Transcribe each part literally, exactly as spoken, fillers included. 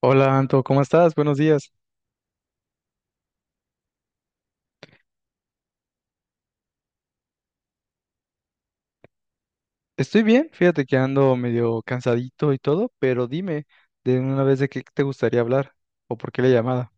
Hola Anto, ¿cómo estás? Buenos días. Estoy bien, fíjate que ando medio cansadito y todo, pero dime de una vez de qué te gustaría hablar o por qué la llamada.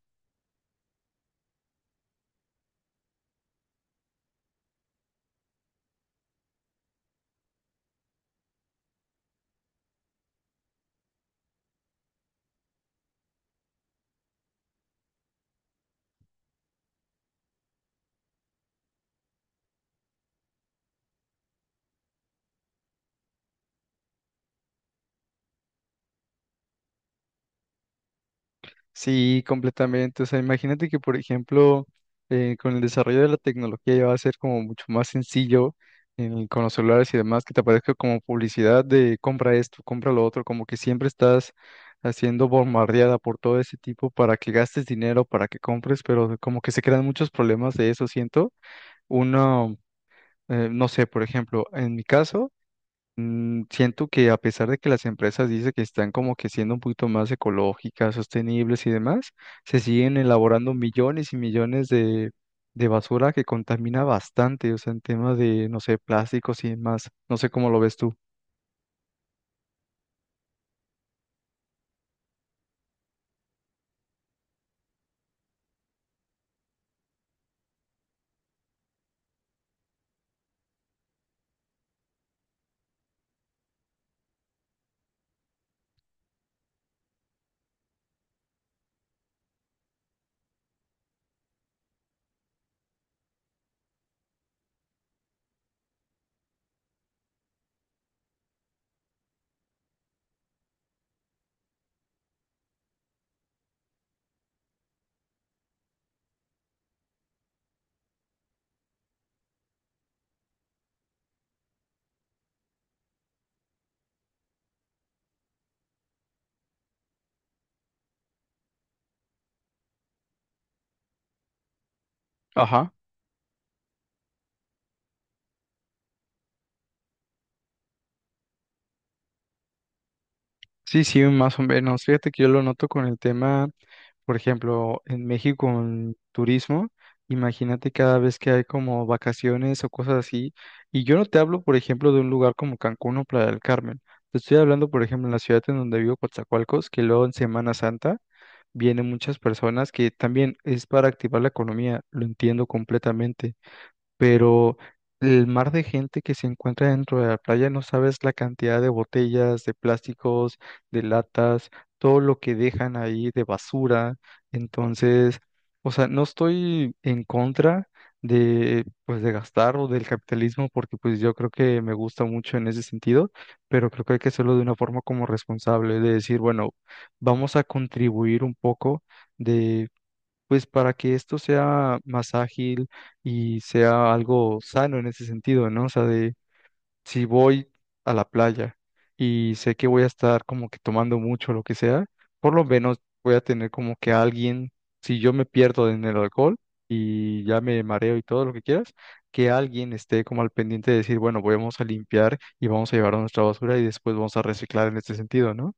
Sí, completamente. O sea, imagínate que, por ejemplo, eh, con el desarrollo de la tecnología ya va a ser como mucho más sencillo en- con los celulares y demás, que te aparezca como publicidad de compra esto, compra lo otro, como que siempre estás haciendo bombardeada por todo ese tipo para que gastes dinero, para que compres, pero como que se crean muchos problemas de eso, siento. Uno. Eh, no sé, por ejemplo, en mi caso, mm, siento que a pesar de que las empresas dicen que están como que siendo un poquito más ecológicas, sostenibles y demás, se siguen elaborando millones y millones de, de basura que contamina bastante, o sea, en temas de, no sé, plásticos y demás. No sé cómo lo ves tú. Ajá. Sí, sí, más o menos. Fíjate que yo lo noto con el tema. Por ejemplo, en México en turismo, imagínate cada vez que hay como vacaciones o cosas así, y yo no te hablo, por ejemplo, de un lugar como Cancún o Playa del Carmen, te estoy hablando, por ejemplo, en la ciudad en donde vivo, Coatzacoalcos, que luego en Semana Santa vienen muchas personas que también es para activar la economía, lo entiendo completamente, pero el mar de gente que se encuentra dentro de la playa, no sabes la cantidad de botellas, de plásticos, de latas, todo lo que dejan ahí de basura. Entonces, o sea, no estoy en contra de pues de gastar o del capitalismo porque pues yo creo que me gusta mucho en ese sentido, pero creo que hay que hacerlo de una forma como responsable, de decir, bueno, vamos a contribuir un poco de pues para que esto sea más ágil y sea algo sano en ese sentido, ¿no? O sea, de si voy a la playa y sé que voy a estar como que tomando mucho, lo que sea, por lo menos voy a tener como que alguien, si yo me pierdo en el alcohol y ya me mareo y todo lo que quieras, que alguien esté como al pendiente de decir, bueno, vamos a limpiar y vamos a llevar nuestra basura y después vamos a reciclar en este sentido, ¿no?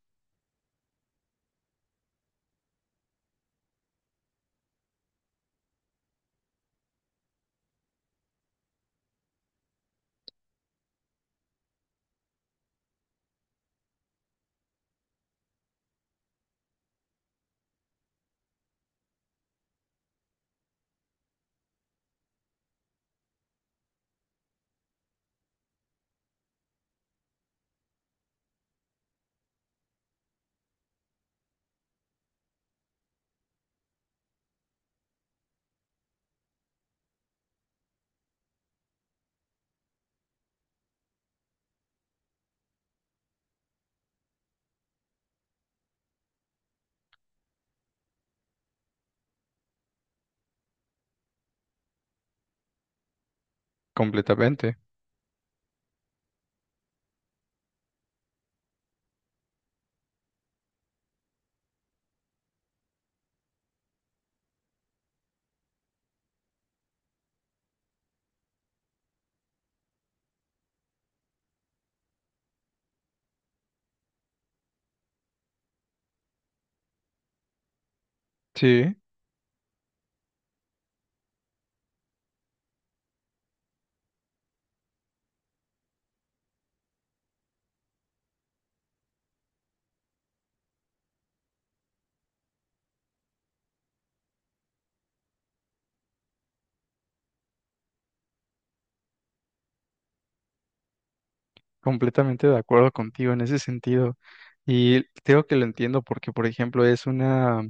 Completamente. Sí. Completamente de acuerdo contigo en ese sentido. Y creo que lo entiendo porque, por ejemplo, es una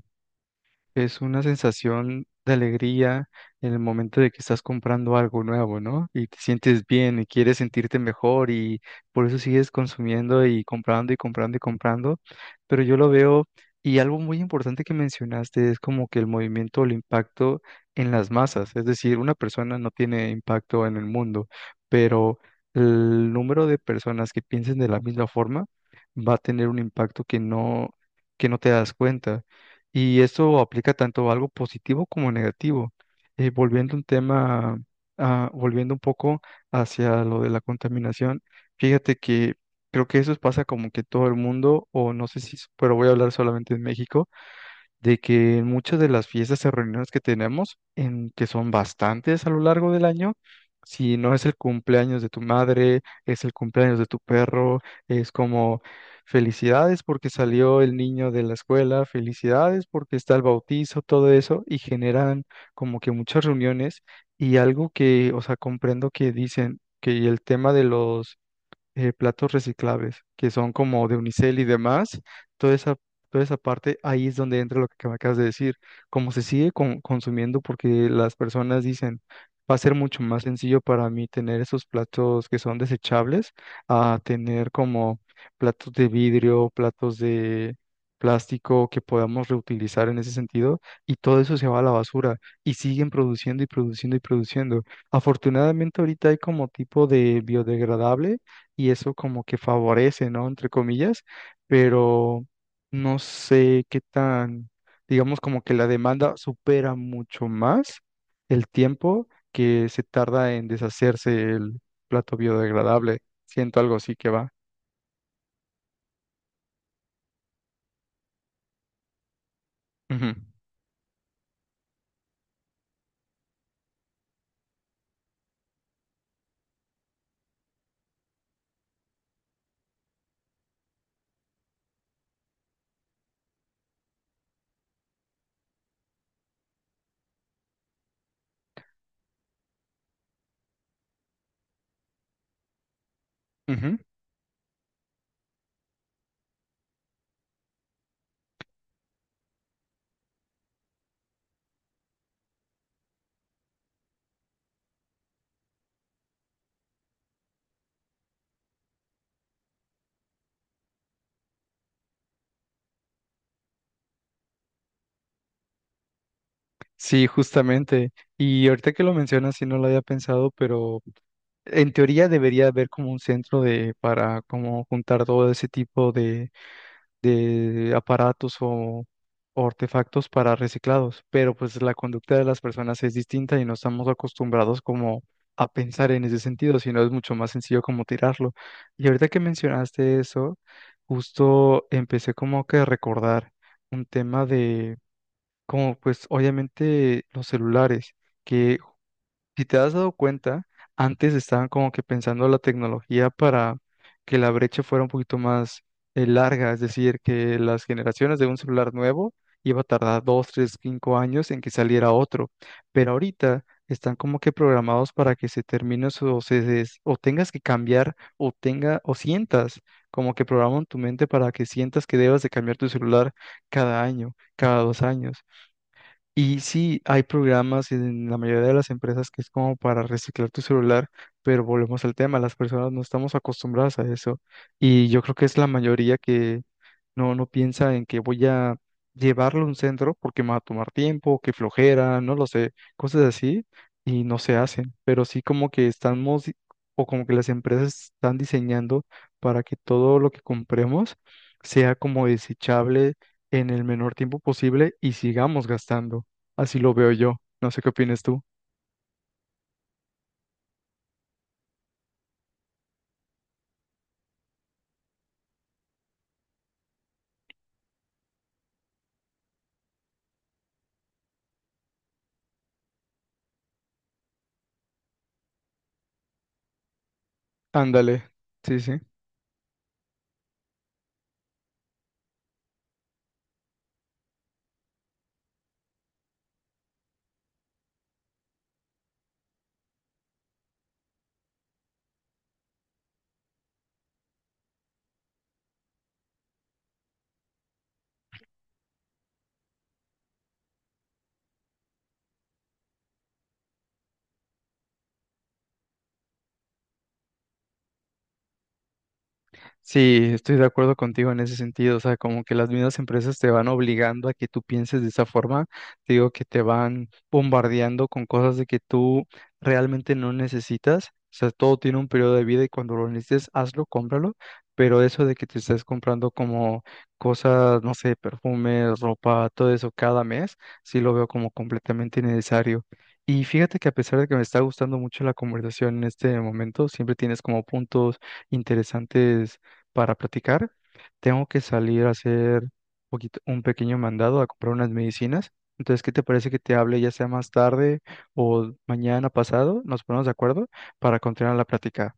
es una sensación de alegría en el momento de que estás comprando algo nuevo, ¿no? Y te sientes bien y quieres sentirte mejor y por eso sigues consumiendo y comprando y comprando y comprando. Pero yo lo veo y algo muy importante que mencionaste es como que el movimiento o el impacto en las masas. Es decir, una persona no tiene impacto en el mundo, pero el número de personas que piensen de la misma forma va a tener un impacto que no, que no te das cuenta. Y eso aplica tanto a algo positivo como negativo. Eh, volviendo un tema, ah, Volviendo un poco hacia lo de la contaminación, fíjate que creo que eso pasa como que todo el mundo, o no sé si, pero voy a hablar solamente en México de que en muchas de las fiestas y reuniones que tenemos, en que son bastantes a lo largo del año, si no es el cumpleaños de tu madre, es el cumpleaños de tu perro, es como felicidades porque salió el niño de la escuela, felicidades porque está el bautizo, todo eso, y generan como que muchas reuniones y algo que, o sea, comprendo que dicen que el tema de los eh, platos reciclables, que son como de unicel y demás, toda esa, toda esa parte, ahí es donde entra lo que me acabas de decir, como se sigue con- consumiendo porque las personas dicen, va a ser mucho más sencillo para mí tener esos platos que son desechables a tener como platos de vidrio, platos de plástico que podamos reutilizar en ese sentido y todo eso se va a la basura y siguen produciendo y produciendo y produciendo. Afortunadamente ahorita hay como tipo de biodegradable y eso como que favorece, ¿no? Entre comillas, pero no sé qué tan, digamos como que la demanda supera mucho más el tiempo que se tarda en deshacerse el plato biodegradable. Siento algo así que va. Ujú, ujú. Sí, justamente. Y ahorita que lo mencionas, sí no lo había pensado, pero en teoría debería haber como un centro de para como juntar todo ese tipo de de aparatos o, o artefactos para reciclados, pero pues la conducta de las personas es distinta y no estamos acostumbrados como a pensar en ese sentido, sino es mucho más sencillo como tirarlo. Y ahorita que mencionaste eso, justo empecé como que a recordar un tema de, como pues obviamente los celulares. Que si te has dado cuenta, antes estaban como que pensando la tecnología para que la brecha fuera un poquito más eh, larga, es decir, que las generaciones de un celular nuevo iba a tardar dos, tres, cinco años en que saliera otro, pero ahorita están como que programados para que se termine su- o se des- o tengas que cambiar o tenga o sientas como que programan tu mente para que sientas que debas de cambiar tu celular cada año, cada dos años. Y sí, hay programas en la mayoría de las empresas que es como para reciclar tu celular, pero volvemos al tema, las personas no estamos acostumbradas a eso. Y yo creo que es la mayoría que no, no piensa en que voy a llevarlo a un centro porque me va a tomar tiempo, que flojera, no lo sé, cosas así, y no se hacen. Pero sí como que estamos, di- o como que las empresas están diseñando para que todo lo que compremos sea como desechable en el menor tiempo posible y sigamos gastando. Así lo veo yo. No sé qué opinas tú. Ándale. Sí, sí. Sí, estoy de acuerdo contigo en ese sentido, o sea, como que las mismas empresas te van obligando a que tú pienses de esa forma, te digo que te van bombardeando con cosas de que tú realmente no necesitas, o sea, todo tiene un periodo de vida y cuando lo necesites, hazlo, cómpralo, pero eso de que te estés comprando como cosas, no sé, perfumes, ropa, todo eso cada mes, sí lo veo como completamente innecesario. Y fíjate que a pesar de que me está gustando mucho la conversación en este momento, siempre tienes como puntos interesantes para platicar. Tengo que salir a hacer poquito- un pequeño mandado a comprar unas medicinas. Entonces, ¿qué te parece que te hable ya sea más tarde o mañana pasado? Nos ponemos de acuerdo para continuar la plática.